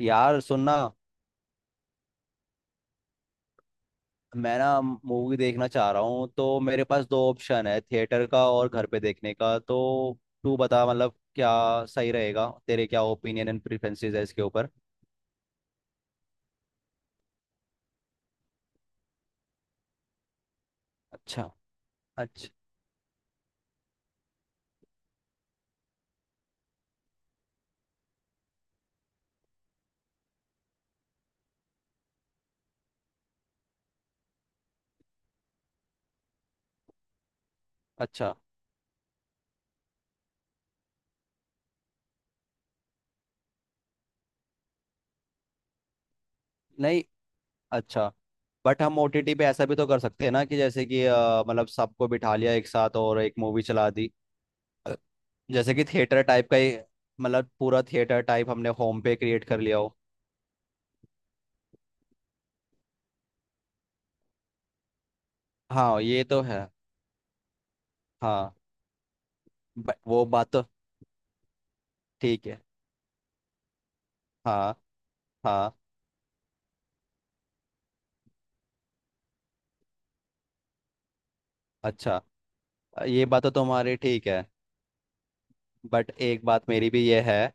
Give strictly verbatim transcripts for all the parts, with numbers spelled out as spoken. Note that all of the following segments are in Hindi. यार सुनना। मैं ना मूवी देखना चाह रहा हूँ तो मेरे पास दो ऑप्शन है, थिएटर का और घर पे देखने का। तो तू बता, मतलब क्या सही रहेगा? तेरे क्या ओपिनियन एंड प्रेफरेंसेस है इसके ऊपर? अच्छा। अच्छा। अच्छा। नहीं। अच्छा। बट हम ओटीटी पे ऐसा भी तो कर सकते हैं ना, कि जैसे कि अ, मतलब सबको बिठा लिया एक साथ और एक मूवी चला दी। जैसे कि थिएटर टाइप का ही। मतलब पूरा थिएटर टाइप हमने होम पे क्रिएट कर लिया हो। हाँ ये तो है। हाँ। ब- वो बात तो ठीक है। हाँ। हाँ। अच्छा। ये बात तो तुम्हारी ठीक है। बट एक बात मेरी भी ये है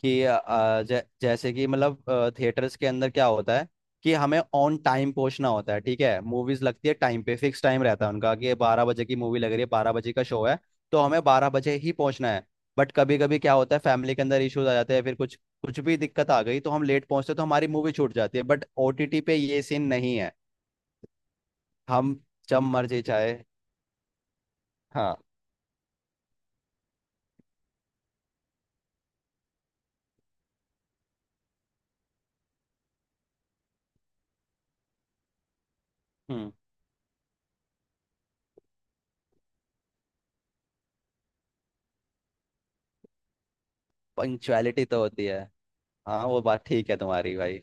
कि अ, जै, जैसे कि मतलब थिएटर्स के अंदर क्या होता है कि हमें ऑन टाइम पहुंचना होता है। ठीक है, मूवीज लगती है टाइम पे, फिक्स टाइम रहता है उनका कि ये बारह बजे की मूवी लग रही है, बारह बजे का शो है। तो हमें बारह बजे ही पहुंचना है। बट कभी कभी क्या होता है, फैमिली के अंदर इश्यूज आ जाते हैं, फिर कुछ कुछ भी दिक्कत आ गई तो हम लेट पहुंचते हैं, तो हमारी मूवी छूट जाती है। बट ओटीटी पे ये सीन नहीं है। हम जब मर्जी चाहे। हाँ। हम्म। पंक्चुअलिटी तो होती है। हाँ वो बात ठीक है तुम्हारी भाई।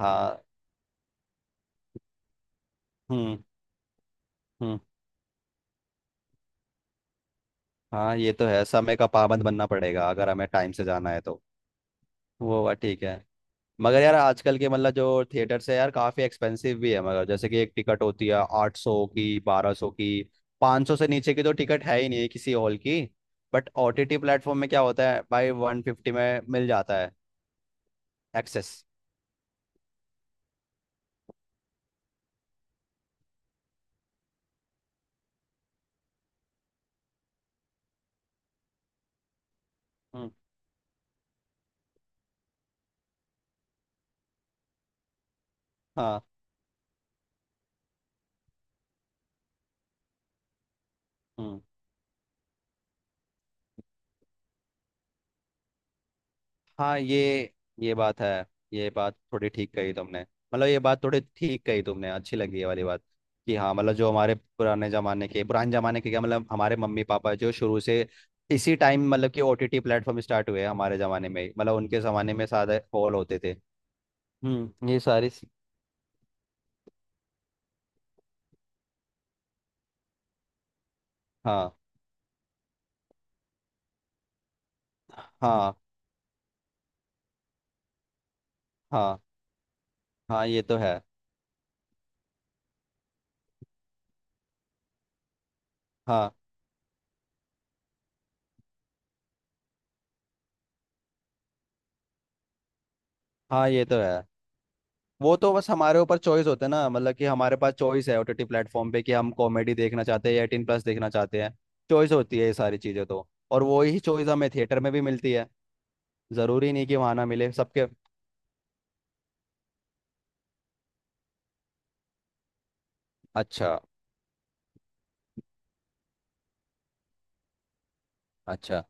हाँ। हम्म। हम्म। हाँ ये तो है, समय का पाबंद बनना पड़ेगा अगर हमें टाइम से जाना है तो। वो बात ठीक है। मगर यार आजकल के मतलब जो थिएटर्स है यार काफ़ी एक्सपेंसिव भी है। मगर जैसे कि एक टिकट होती है आठ सौ की, बारह सौ की, पाँच सौ से नीचे की तो टिकट है ही नहीं किसी हॉल की। But O T T platform में क्या होता है भाई, वन फिफ्टी में मिल जाता है एक्सेस। हम्म। हाँ। हम्म। हाँ ये ये बात है। ये बात थोड़ी ठीक कही तुमने, मतलब ये बात थोड़ी ठीक कही तुमने, अच्छी लगी ये वाली बात। कि हाँ मतलब जो हमारे पुराने जमाने के पुराने जमाने के क्या मतलब हमारे मम्मी पापा जो शुरू से इसी टाइम मतलब कि ओटीटी प्लेटफॉर्म स्टार्ट हुए हमारे जमाने में ही। मतलब उनके जमाने में सारे हॉल होते थे। हम्म। ये सारी सी- हाँ। हाँ। हाँ। हाँ ये तो है। हाँ। हाँ ये तो है। वो तो बस हमारे ऊपर चॉइस होता है ना, मतलब कि हमारे पास चॉइस है ओटीटी प्लेटफॉर्म पे कि हम कॉमेडी देखना चाहते हैं या एटीन प्लस देखना चाहते हैं। चॉइस होती है ये सारी चीज़ें तो। और वो ही चॉइस हमें थिएटर में भी मिलती है। ज़रूरी नहीं कि वहाँ ना मिले सबके। अच्छा। अच्छा।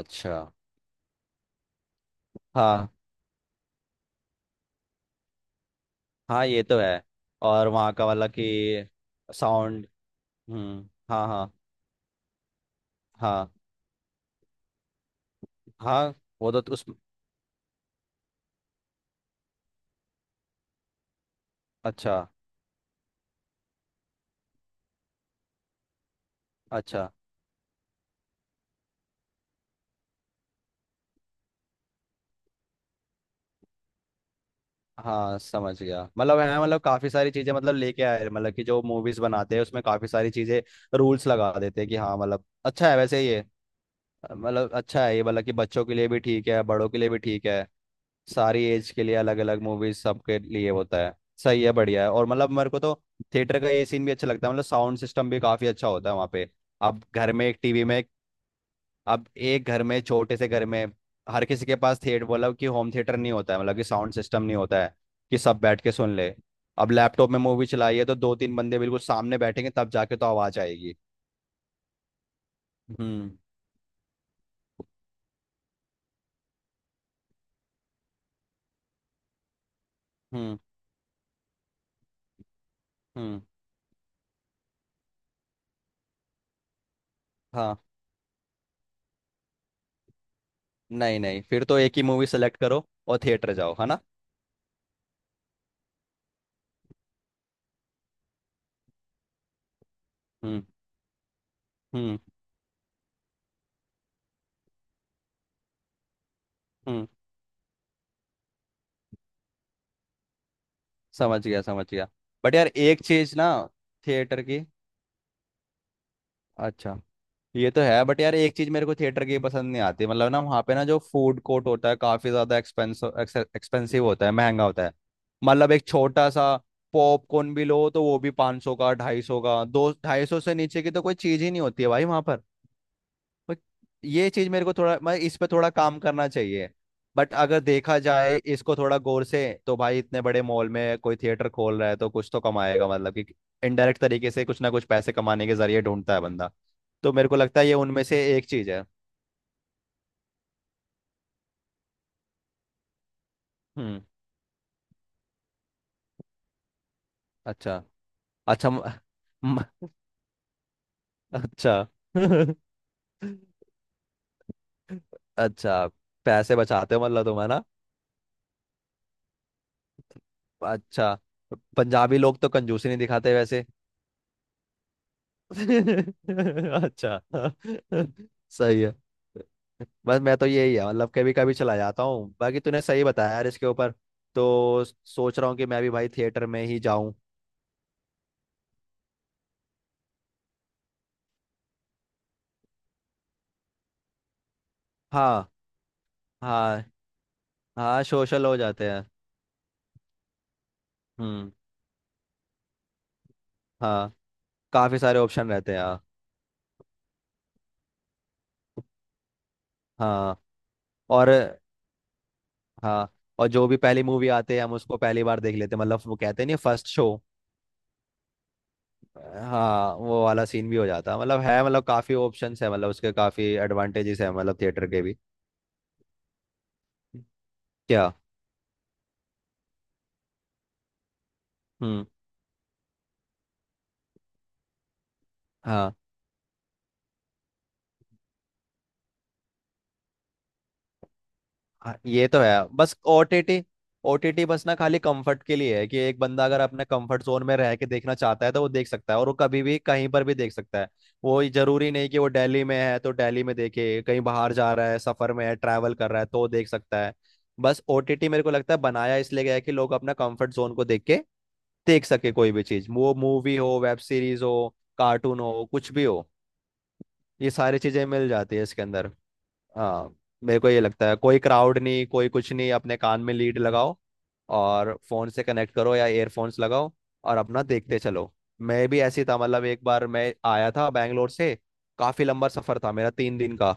अच्छा। हाँ। हाँ ये तो है। और वहाँ का मतलब कि साउंड। हम्म। हाँ। हाँ। हाँ। हाँ वो तो उस अच्छा। अच्छा। हाँ समझ गया, मतलब है मतलब काफी सारी चीजें मतलब लेके आए हैं, मतलब कि जो मूवीज बनाते हैं उसमें काफी सारी चीजें रूल्स लगा देते हैं कि हाँ मतलब अच्छा है वैसे ये। मतलब अच्छा है ये, मतलब कि बच्चों के लिए भी ठीक है, बड़ों के लिए भी ठीक है। सारी एज के लिए अलग अलग मूवीज सबके लिए होता है। सही है, बढ़िया है। और मतलब मेरे को तो थिएटर का ये सीन भी अच्छा लगता है, मतलब साउंड सिस्टम भी काफी अच्छा होता है वहाँ पे। अब घर में एक टीवी में अब एक घर में छोटे से घर में हर किसी के पास थिएटर मतलब कि होम थिएटर नहीं होता है, मतलब कि साउंड सिस्टम नहीं होता है कि सब बैठ के सुन ले। अब लैपटॉप में मूवी चलाई है तो दो तीन बंदे बिल्कुल सामने बैठेंगे तब जाके तो आवाज आएगी। हम्म। हम्म। हम्म। हाँ। नहीं नहीं, फिर तो एक ही मूवी सेलेक्ट करो और थिएटर जाओ, है ना? हम्म। हम्म। हम्म। समझ गया समझ गया। बट यार एक चीज ना थिएटर की अच्छा ये तो है। बट यार एक चीज मेरे को थिएटर की पसंद नहीं आती, मतलब ना वहाँ पे ना जो फूड कोर्ट होता है काफी ज्यादा एक्सपेंस एक्सपेंसिव होता है, महंगा होता है। मतलब एक छोटा सा पॉपकॉर्न भी लो तो वो भी 500 सौ का, ढाई सौ का, दो ढाई सौ से नीचे की तो कोई चीज ही नहीं होती है भाई वहां पर। बट ये चीज मेरे को थोड़ा, मैं इस पे थोड़ा काम करना चाहिए। बट अगर देखा जाए इसको थोड़ा गौर से तो भाई इतने बड़े मॉल में कोई थिएटर खोल रहा है तो कुछ तो कमाएगा, मतलब कि इनडायरेक्ट तरीके से कुछ ना कुछ पैसे कमाने के जरिए ढूंढता है बंदा। तो मेरे को लगता है ये उनमें से एक चीज है। हम्म। अच्छा। अच्छा। म, म, अच्छा। अच्छा। पैसे बचाते हो मतलब तुम, है ना? अच्छा। पंजाबी लोग तो कंजूसी नहीं दिखाते वैसे। अच्छा। सही है। बस मैं तो यही है, मतलब कभी कभी चला जाता हूँ, बाकी तूने सही बताया यार इसके ऊपर। तो सोच रहा हूँ कि मैं भी भाई थिएटर में ही जाऊँ। हाँ। हाँ। हाँ सोशल हो जाते हैं। हम्म। हाँ। काफी सारे ऑप्शन रहते हैं हाँ। हाँ। और हाँ। और जो भी पहली मूवी आते हैं हम उसको पहली बार देख लेते हैं, मतलब वो कहते नहीं फर्स्ट शो। हाँ वो वाला सीन भी हो जाता है, मतलब है मतलब काफी ऑप्शंस है, मतलब उसके काफी एडवांटेजेस है मतलब थिएटर के भी। क्या? हम्म। हाँ, हाँ, ये तो है। बस ओटीटी ओटीटी बस ना खाली कंफर्ट के लिए है कि एक बंदा अगर अपने कंफर्ट जोन में रह के देखना चाहता है तो वो देख सकता है, और वो कभी भी कहीं पर भी देख सकता है। वो ये जरूरी नहीं कि वो दिल्ली में है तो दिल्ली में देखे, कहीं बाहर जा रहा है, सफर में है, ट्रैवल कर रहा है, तो देख सकता है। बस ओटीटी मेरे को लगता है बनाया इसलिए गया है कि लोग अपना कंफर्ट जोन को देख के देख सके कोई भी चीज, वो मूवी हो, वेब सीरीज हो, कार्टून हो, कुछ भी हो। ये सारी चीजें मिल जाती है इसके अंदर। हाँ। मेरे को ये लगता है कोई क्राउड नहीं कोई कुछ नहीं, अपने कान में लीड लगाओ और फोन से कनेक्ट करो या एयरफोन्स लगाओ और अपना देखते चलो। मैं भी ऐसी था, मतलब एक बार मैं आया था बैंगलोर से। काफी लंबा सफर था मेरा, तीन दिन का।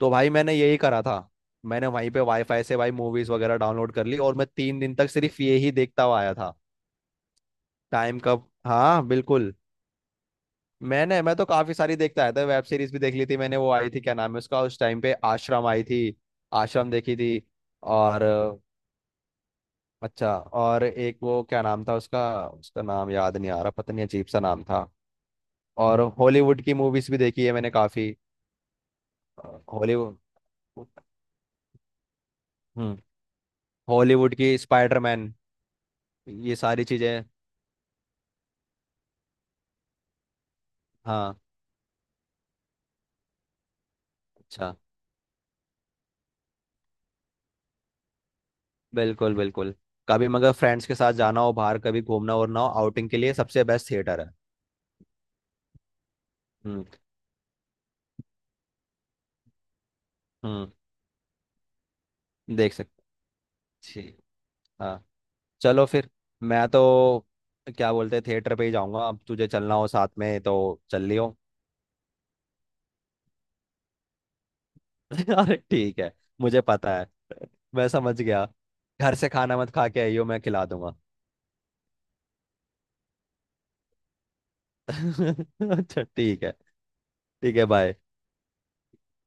तो भाई मैंने यही करा था, मैंने वहीं पे वाईफाई से भाई मूवीज वगैरह डाउनलोड कर ली, और मैं तीन दिन तक सिर्फ ये ही देखता हुआ आया था। टाइम कब, हाँ बिल्कुल। मैंने मैं तो काफी सारी देखता आया था, वेब सीरीज भी देख ली थी मैंने, वो आई थी क्या नाम है उसका, उस टाइम पे आश्रम आई थी। आश्रम देखी थी। और अच्छा, और एक वो क्या नाम था उसका, उसका नाम याद नहीं आ रहा, पता नहीं अजीब सा नाम था। और हॉलीवुड की मूवीज भी देखी है मैंने काफी। हॉलीवुड। हम्म। हॉलीवुड की स्पाइडरमैन ये सारी चीजें। हाँ। अच्छा। बिल्कुल बिल्कुल। कभी मगर फ्रेंड्स के साथ जाना हो बाहर, कभी घूमना वूमना हो आउटिंग के लिए, सबसे बेस्ट थिएटर है। हम्म। हम्म। देख सकते। ठीक। हाँ। चलो फिर। मैं तो क्या बोलते हैं थिएटर पे ही जाऊंगा, अब तुझे चलना हो साथ में तो चल लियो। अरे ठीक है। मुझे पता है। मैं समझ गया। घर से खाना मत खा के आइयो, मैं खिला दूंगा। अच्छा ठीक है। ठीक है बाय।